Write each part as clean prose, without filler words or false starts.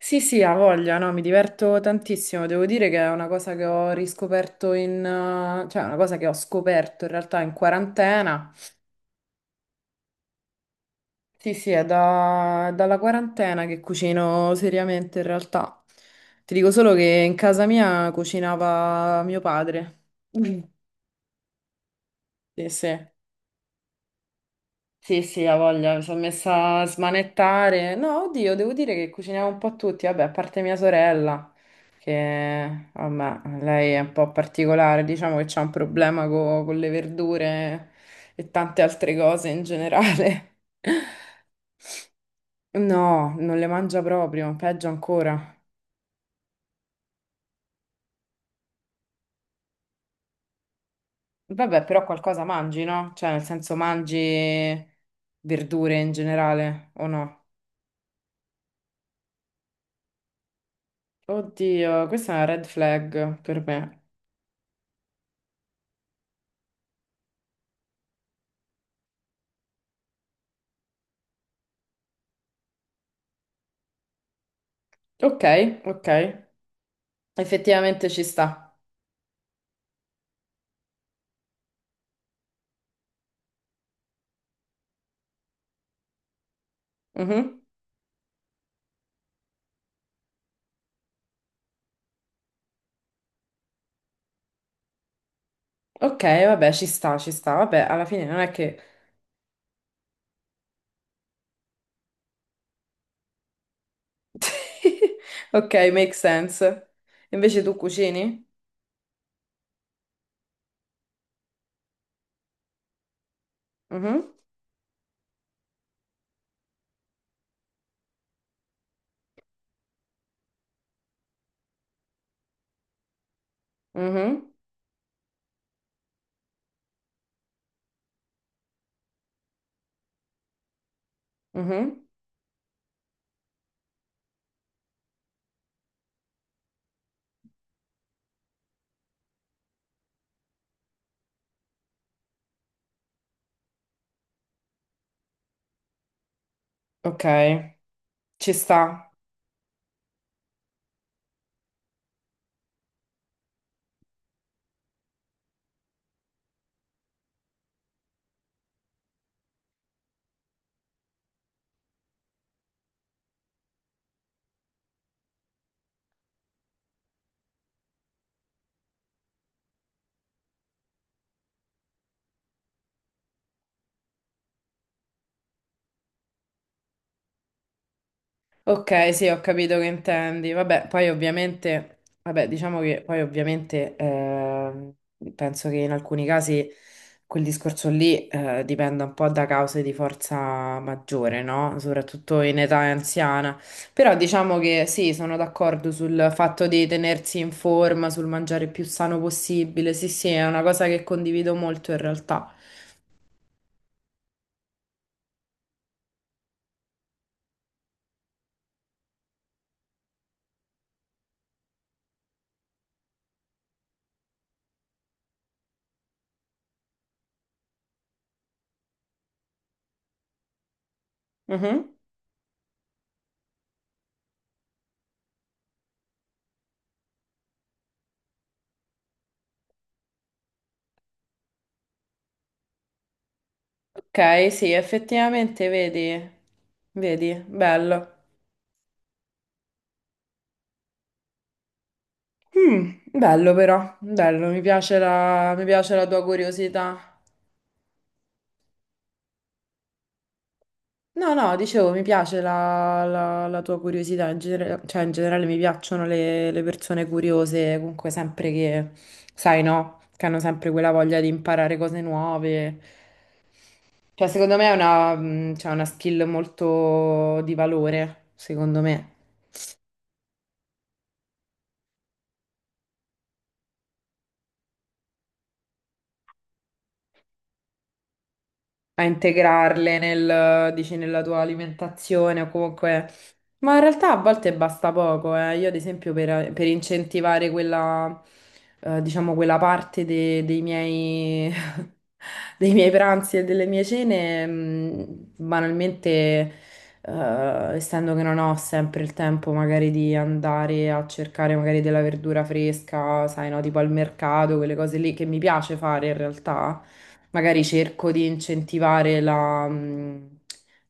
Sì, sì, ha voglia, no, mi diverto tantissimo. Devo dire che è una cosa che ho riscoperto in, cioè una cosa che ho scoperto in realtà in quarantena. Sì, sì, è dalla quarantena che cucino seriamente in realtà. Ti dico solo che in casa mia cucinava mio padre. Sì, sì. Sì, sì, ha voglia, mi sono messa a smanettare. No, oddio, devo dire che cuciniamo un po' tutti, vabbè, a parte mia sorella, che vabbè, lei è un po' particolare, diciamo che c'ha un problema con le verdure e tante altre cose in generale. No, non le mangia proprio, peggio ancora. Vabbè, però qualcosa mangi, no? Cioè, nel senso mangi verdure in generale o no? Oddio, questa è una red flag per me. Ok, ok. Effettivamente ci sta. Mhm. Ok, vabbè, ci sta, ci sta. Vabbè, alla fine non è che... Ok, make sense. Invece tu cucini? Mhm, mhm, mhm. Ok, ci sta. Ok, sì, ho capito che intendi. Vabbè, poi ovviamente, vabbè, diciamo che poi ovviamente penso che in alcuni casi quel discorso lì dipenda un po' da cause di forza maggiore, no? Soprattutto in età anziana. Però diciamo che sì, sono d'accordo sul fatto di tenersi in forma, sul mangiare più sano possibile. Sì, sì, è una cosa che condivido molto in realtà. Mhm. Ok, sì, effettivamente, vedi, vedi, bello. Mm, bello però, bello, mi piace la tua curiosità. No, no, dicevo, mi piace la tua curiosità, cioè in generale mi piacciono le persone curiose, comunque sempre che, sai, no, che hanno sempre quella voglia di imparare cose nuove. Cioè, secondo me è una skill molto di valore, secondo me. A integrarle nel, dici, nella tua alimentazione o comunque... Ma in realtà a volte basta poco, eh. Io ad esempio per incentivare quella, diciamo, quella parte dei miei, dei miei pranzi e delle mie cene, banalmente, essendo che non ho sempre il tempo magari di andare a cercare magari della verdura fresca, sai, no, tipo al mercato, quelle cose lì che mi piace fare in realtà magari cerco di incentivare la,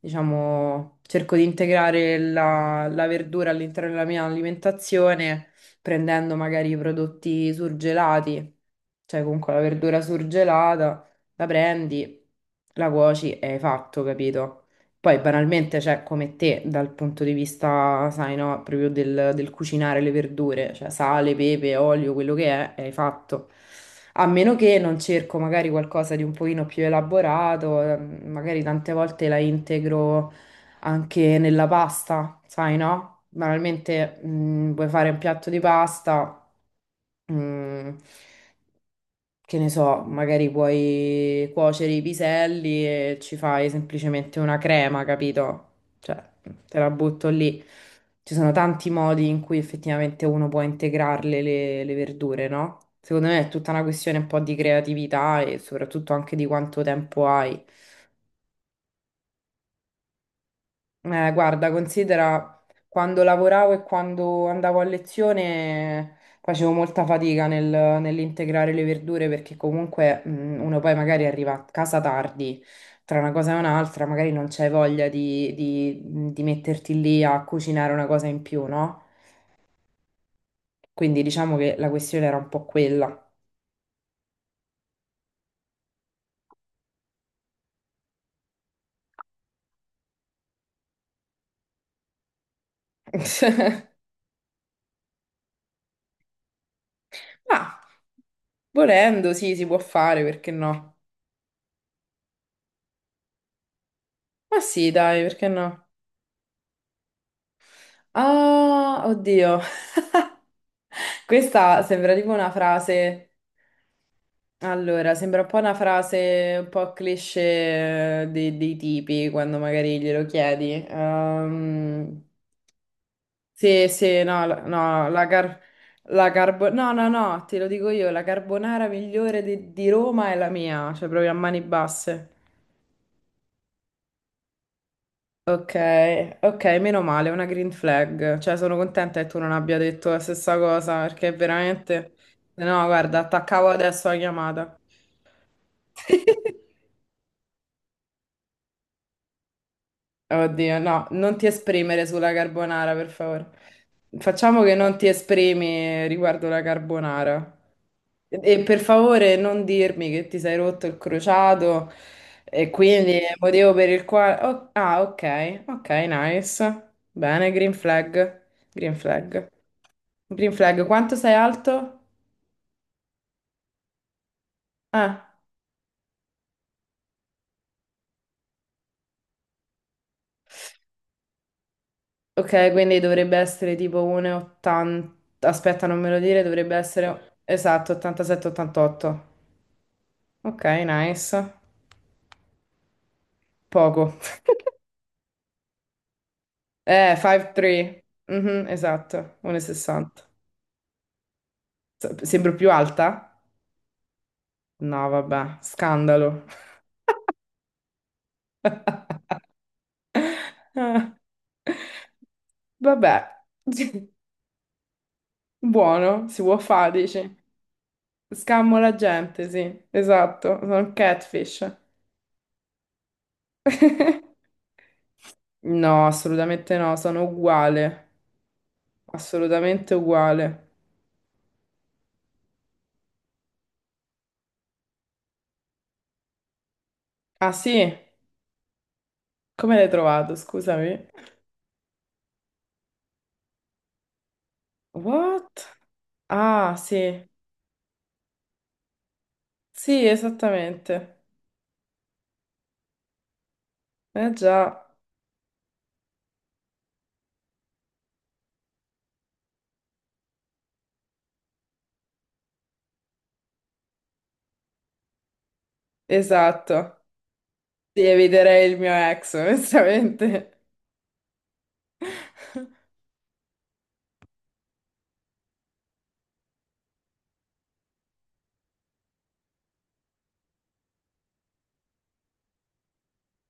diciamo, cerco di integrare la verdura all'interno della mia alimentazione prendendo magari i prodotti surgelati, cioè comunque la verdura surgelata, la prendi, la cuoci e hai fatto, capito? Poi banalmente, cioè, come te, dal punto di vista, sai, no, proprio del cucinare le verdure, cioè sale, pepe, olio, quello che è, e hai fatto. A meno che non cerco magari qualcosa di un pochino più elaborato, magari tante volte la integro anche nella pasta, sai, no? Banalmente, puoi fare un piatto di pasta, mm, che ne so, magari puoi cuocere i piselli e ci fai semplicemente una crema, capito? Cioè, te la butto lì. Ci sono tanti modi in cui effettivamente uno può integrarle le verdure, no? Secondo me è tutta una questione un po' di creatività e soprattutto anche di quanto tempo hai. Guarda, considera quando lavoravo e quando andavo a lezione facevo molta fatica nell'integrare le verdure perché comunque uno poi magari arriva a casa tardi, tra una cosa e un'altra, magari non c'hai voglia di metterti lì a cucinare una cosa in più, no? Quindi diciamo che la questione era un po' quella. Ma volendo, sì, si può fare, perché no? Ma sì, dai, perché no? Ah, oddio. Questa sembra tipo una frase. Allora, sembra un po' una frase un po' cliché dei tipi quando magari glielo chiedi. Sì, sì, no, no, no, no, no, te lo dico io, la carbonara migliore di Roma è la mia, cioè proprio a mani basse. Ok, ok, meno male, una green flag. Cioè, sono contenta che tu non abbia detto la stessa cosa, perché veramente... No, guarda, attaccavo adesso la chiamata. Oddio, no, non ti esprimere sulla carbonara, per favore. Facciamo che non ti esprimi riguardo la carbonara. E per favore non dirmi che ti sei rotto il crociato e quindi è il motivo per il quale... oh, ah, ok, ok, nice. Bene, green flag, green flag. Green flag, quanto sei alto? Eh. Ok, quindi dovrebbe essere tipo 1,80. Aspetta, non me lo dire, dovrebbe essere esatto, 87-88. Ok, nice. Poco. 5'3". Mhm, esatto, 1,60. Sembro più alta? No, vabbè, scandalo. Vabbè, buono, si può fare, dici. Scammo la gente, sì, esatto, sono un catfish. No, assolutamente no, sono uguale, assolutamente uguale. Ah sì? Come l'hai trovato? Scusami. What? Ah sì, sì, esattamente. Eh già, esatto. Sì, eviterei il mio ex, onestamente.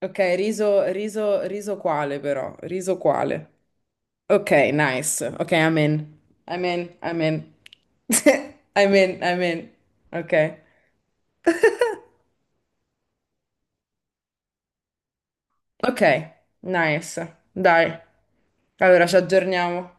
Ok, riso, riso, riso quale però? Riso quale? Ok, nice. Ok, I'm in. I'm in, I'm in. I'm in, I'm in. Ok. Ok, nice. Dai, allora ci aggiorniamo.